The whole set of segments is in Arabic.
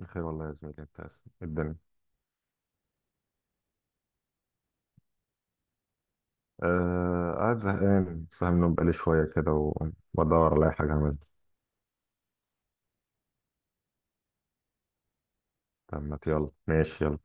بخير والله يا زميلي انت اسف. الدنيا. آه، قاعد زهقان، صاحي من النوم بقالي شوية كده وبدور على أي حاجة أعملها. طب ما ت- يلا ماشي. يلا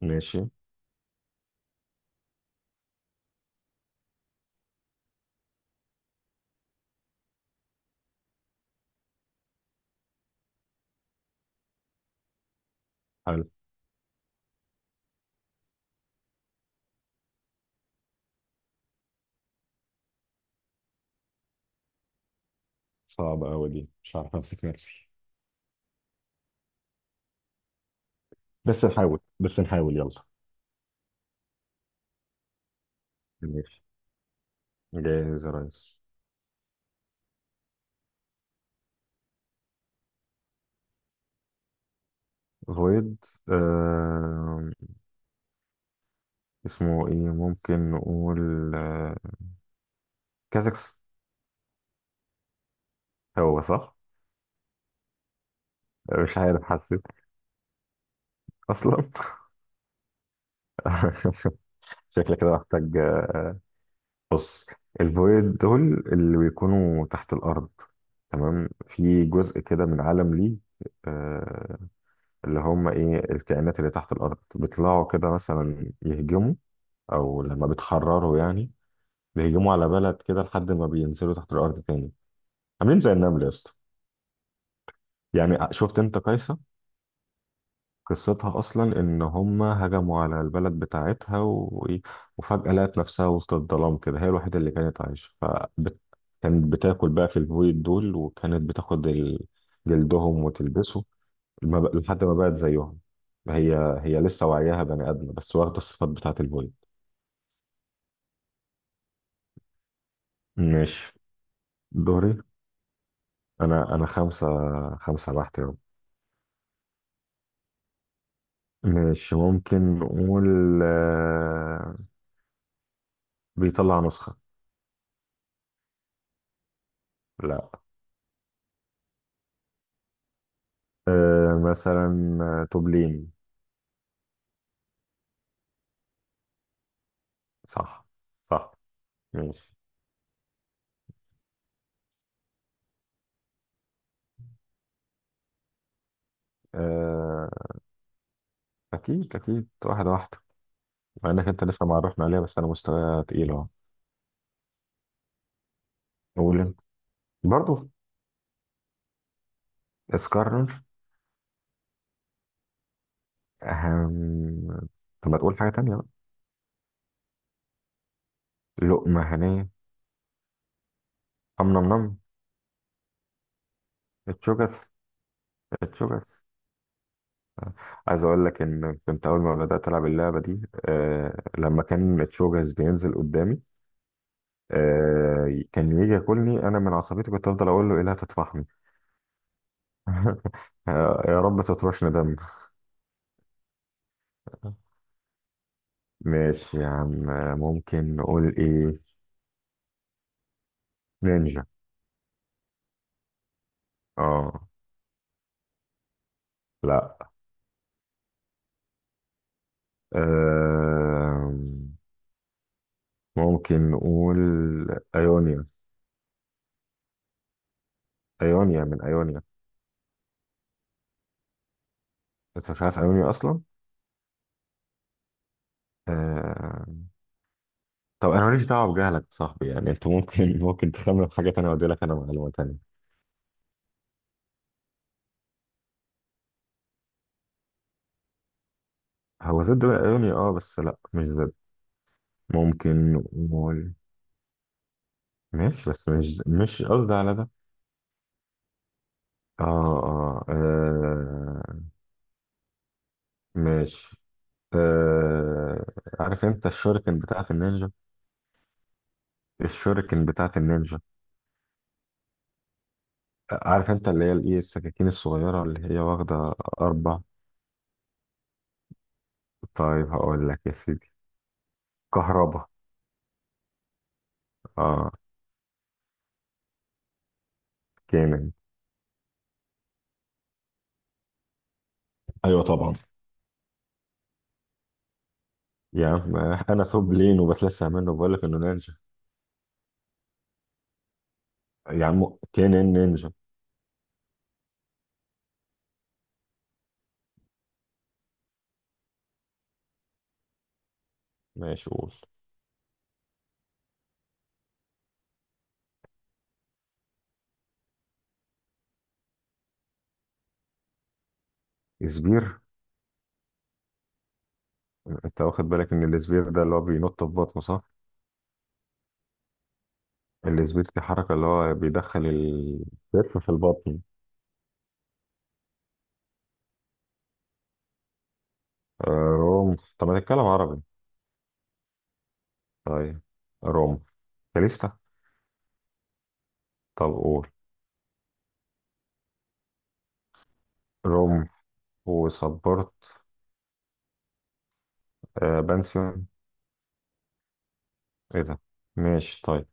ماشي. حلو. صعبة أوي دي، مش عارف أمسك نفسي. بس نحاول، بس نحاول، يلا. ماشي. جاهز يا ريس. غويد. آه. اسمه إيه؟ ممكن نقول. آه كازكس. هو صح؟ مش عارف، حسيت أصلا. شكلي كده محتاج. بص، الفويد دول اللي بيكونوا تحت الأرض، تمام، في جزء كده من عالم ليه، آه، اللي هم إيه، الكائنات اللي تحت الأرض بيطلعوا كده مثلا يهجموا أو لما بيتحرروا يعني. بيهجموا على بلد كده لحد ما بينزلوا تحت الأرض تاني. عاملين زي النمل يا اسطى. يعني شفت أنت قيصر؟ قصتها أصلا إن هما هجموا على البلد بتاعتها و... وفجأة لقت نفسها وسط الظلام كده، هي الوحيدة اللي كانت عايشة، فبت... كانت بتاكل بقى في البويض دول وكانت بتاخد جلدهم وتلبسه. ما بق- لحد ما بقت زيهم. هي هي لسه وعيها بني آدمة بس واخدة الصفات بتاعت البويض. ماشي، دوري. أنا خمسة. خمسة بحت يوم. ماشي، ممكن نقول آه، بيطلع نسخة. لا. مثلا توبلين. صح. صح. ماشي. آه، أكيد أكيد، واحدة واحدة. مع إنك أنت لسه معرفنا عليها، بس أنا مستوايا تقيل أهو. قول أنت. برضه. اسكرر. أهم. طب ما تقول حاجة تانية بقى. لقمة هنية. أم نم نم. اتشوكس. اتشوكس. عايز أقول لك إن كنت أول ما بدأت ألعب اللعبة دي، آه، لما كان اتشوكس بينزل قدامي آه كان يجي ياكلني، أنا من عصبيتي كنت أفضل أقول له إيه، لا تطفحني. يا رب تطفشني دم. ماشي يا عم. ممكن نقول ايه؟ نينجا. اه. لا. آه، ممكن نقول ايونيا. ايونيا من ايونيا. انت مش عارف ايونيا اصلا؟ آه. طب انا ماليش دعوه بجهلك يا صاحبي، يعني انت ممكن ممكن تخمن حاجه تانية وادي لك انا معلومه تانية. هو ضد بقى ايونيا، اه، بس لا مش ضد. ممكن نقول. ماشي، بس مش قصدي على ده. اه اه، آه. ماشي. آه، عارف انت الشuriكن بتاعت النينجا؟ الشuriكن بتاعت النينجا. عارف انت اللي هي الايه، السكاكين الصغيرة اللي هي واخدة أربع. طيب هقول لك يا سيدي. كهربا. اه. كامل. ايوه طبعا. يا عم، انا توب لين وبتلسع منه وبقول لك انه نينجا. يا عم، كينين نينجا. ماشي، قول. سبير. انت واخد بالك ان السبير ده اللي هو بينط في بطنه صح؟ السبير دي حركه اللي هو بيدخل الكتف في البطن. آه، روم. طب ما تتكلم عربي. طيب، روم. كاليستا. طب قول. روم وصبرت. آه بنسيون. ايه ده؟ ماشي طيب.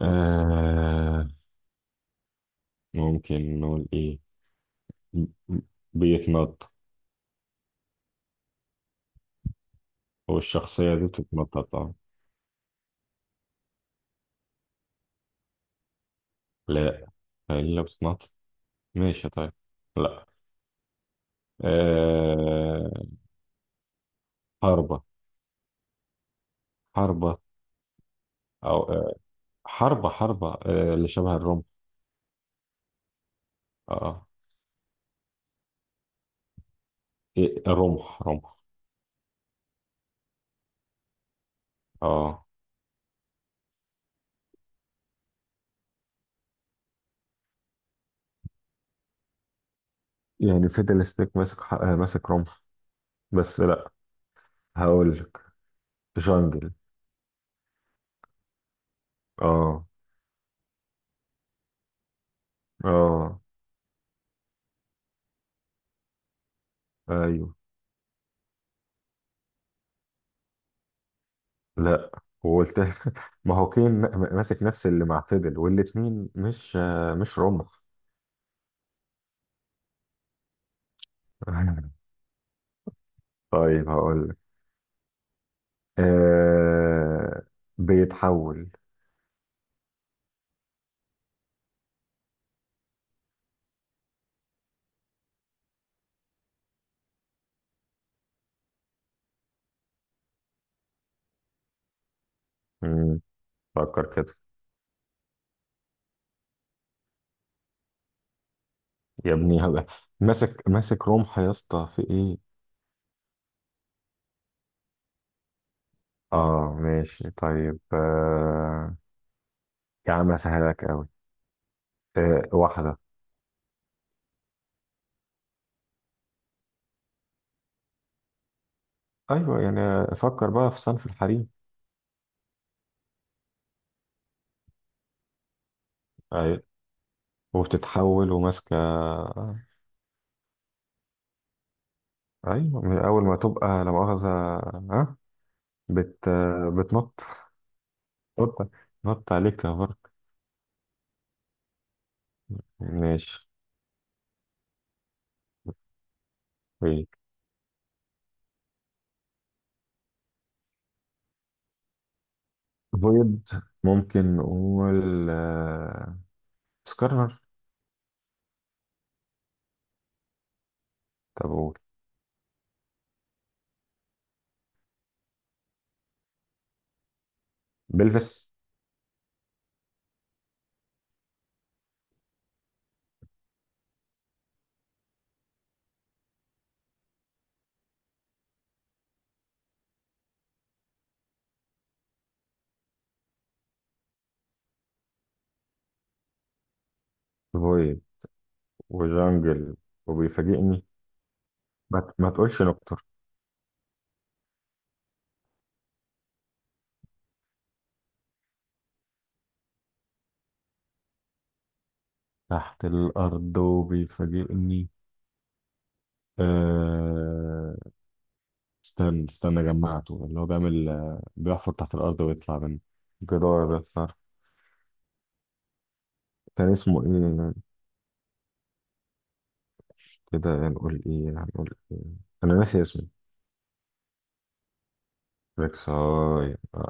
آه، ممكن نقول ايه؟ م- م- بيتنط. هو الشخصية دي بتتنطط طبعا. لا، الا بتتنطط. ماشي طيب. لا. آه، حربة. حربة. او آه. حربة. حربة. آه اللي شبه الرمح. اه. إيه، رمح رمح. اه. يعني فيدل ستيك ماسك ماسك رمح. بس لا. هقول لك. جانجل. اه. اه. ايوه. لا. وقلت. ما هو كين ماسك نفس اللي مع فيدل والاتنين مش مش رمح. طيب هقول لك. آه. بيتحول. مم، فكر كده. يا ابني هبقى. ماسك ماسك رمح يا اسطى، في ايه؟ اه ماشي طيب. آه، يا عم اسهلك قوي. آه، واحده. ايوه، يعني فكر بقى في صنف الحريم. أيوة. وبتتحول وماسكه. ايوه من اول ما تبقى لا مؤاخذه. ها. بت. بتنط. نط. نط عليك يا فرق. ماشي طيب. فويد. ممكن نقول سكارنر. طب قول. بلفس. فويد وجانجل وبيفاجئني. ما تقولش نكتر. تحت الارض وبيفاجئني. أه... استنى استنى، جمعته اللي هو بيعمل، بيحفر تحت الارض ويطلع من جدار بيطلع. كان اسمه ايه؟ كده نقول ايه، هنقول ايه؟ انا ناسي اسمه. ريكساي.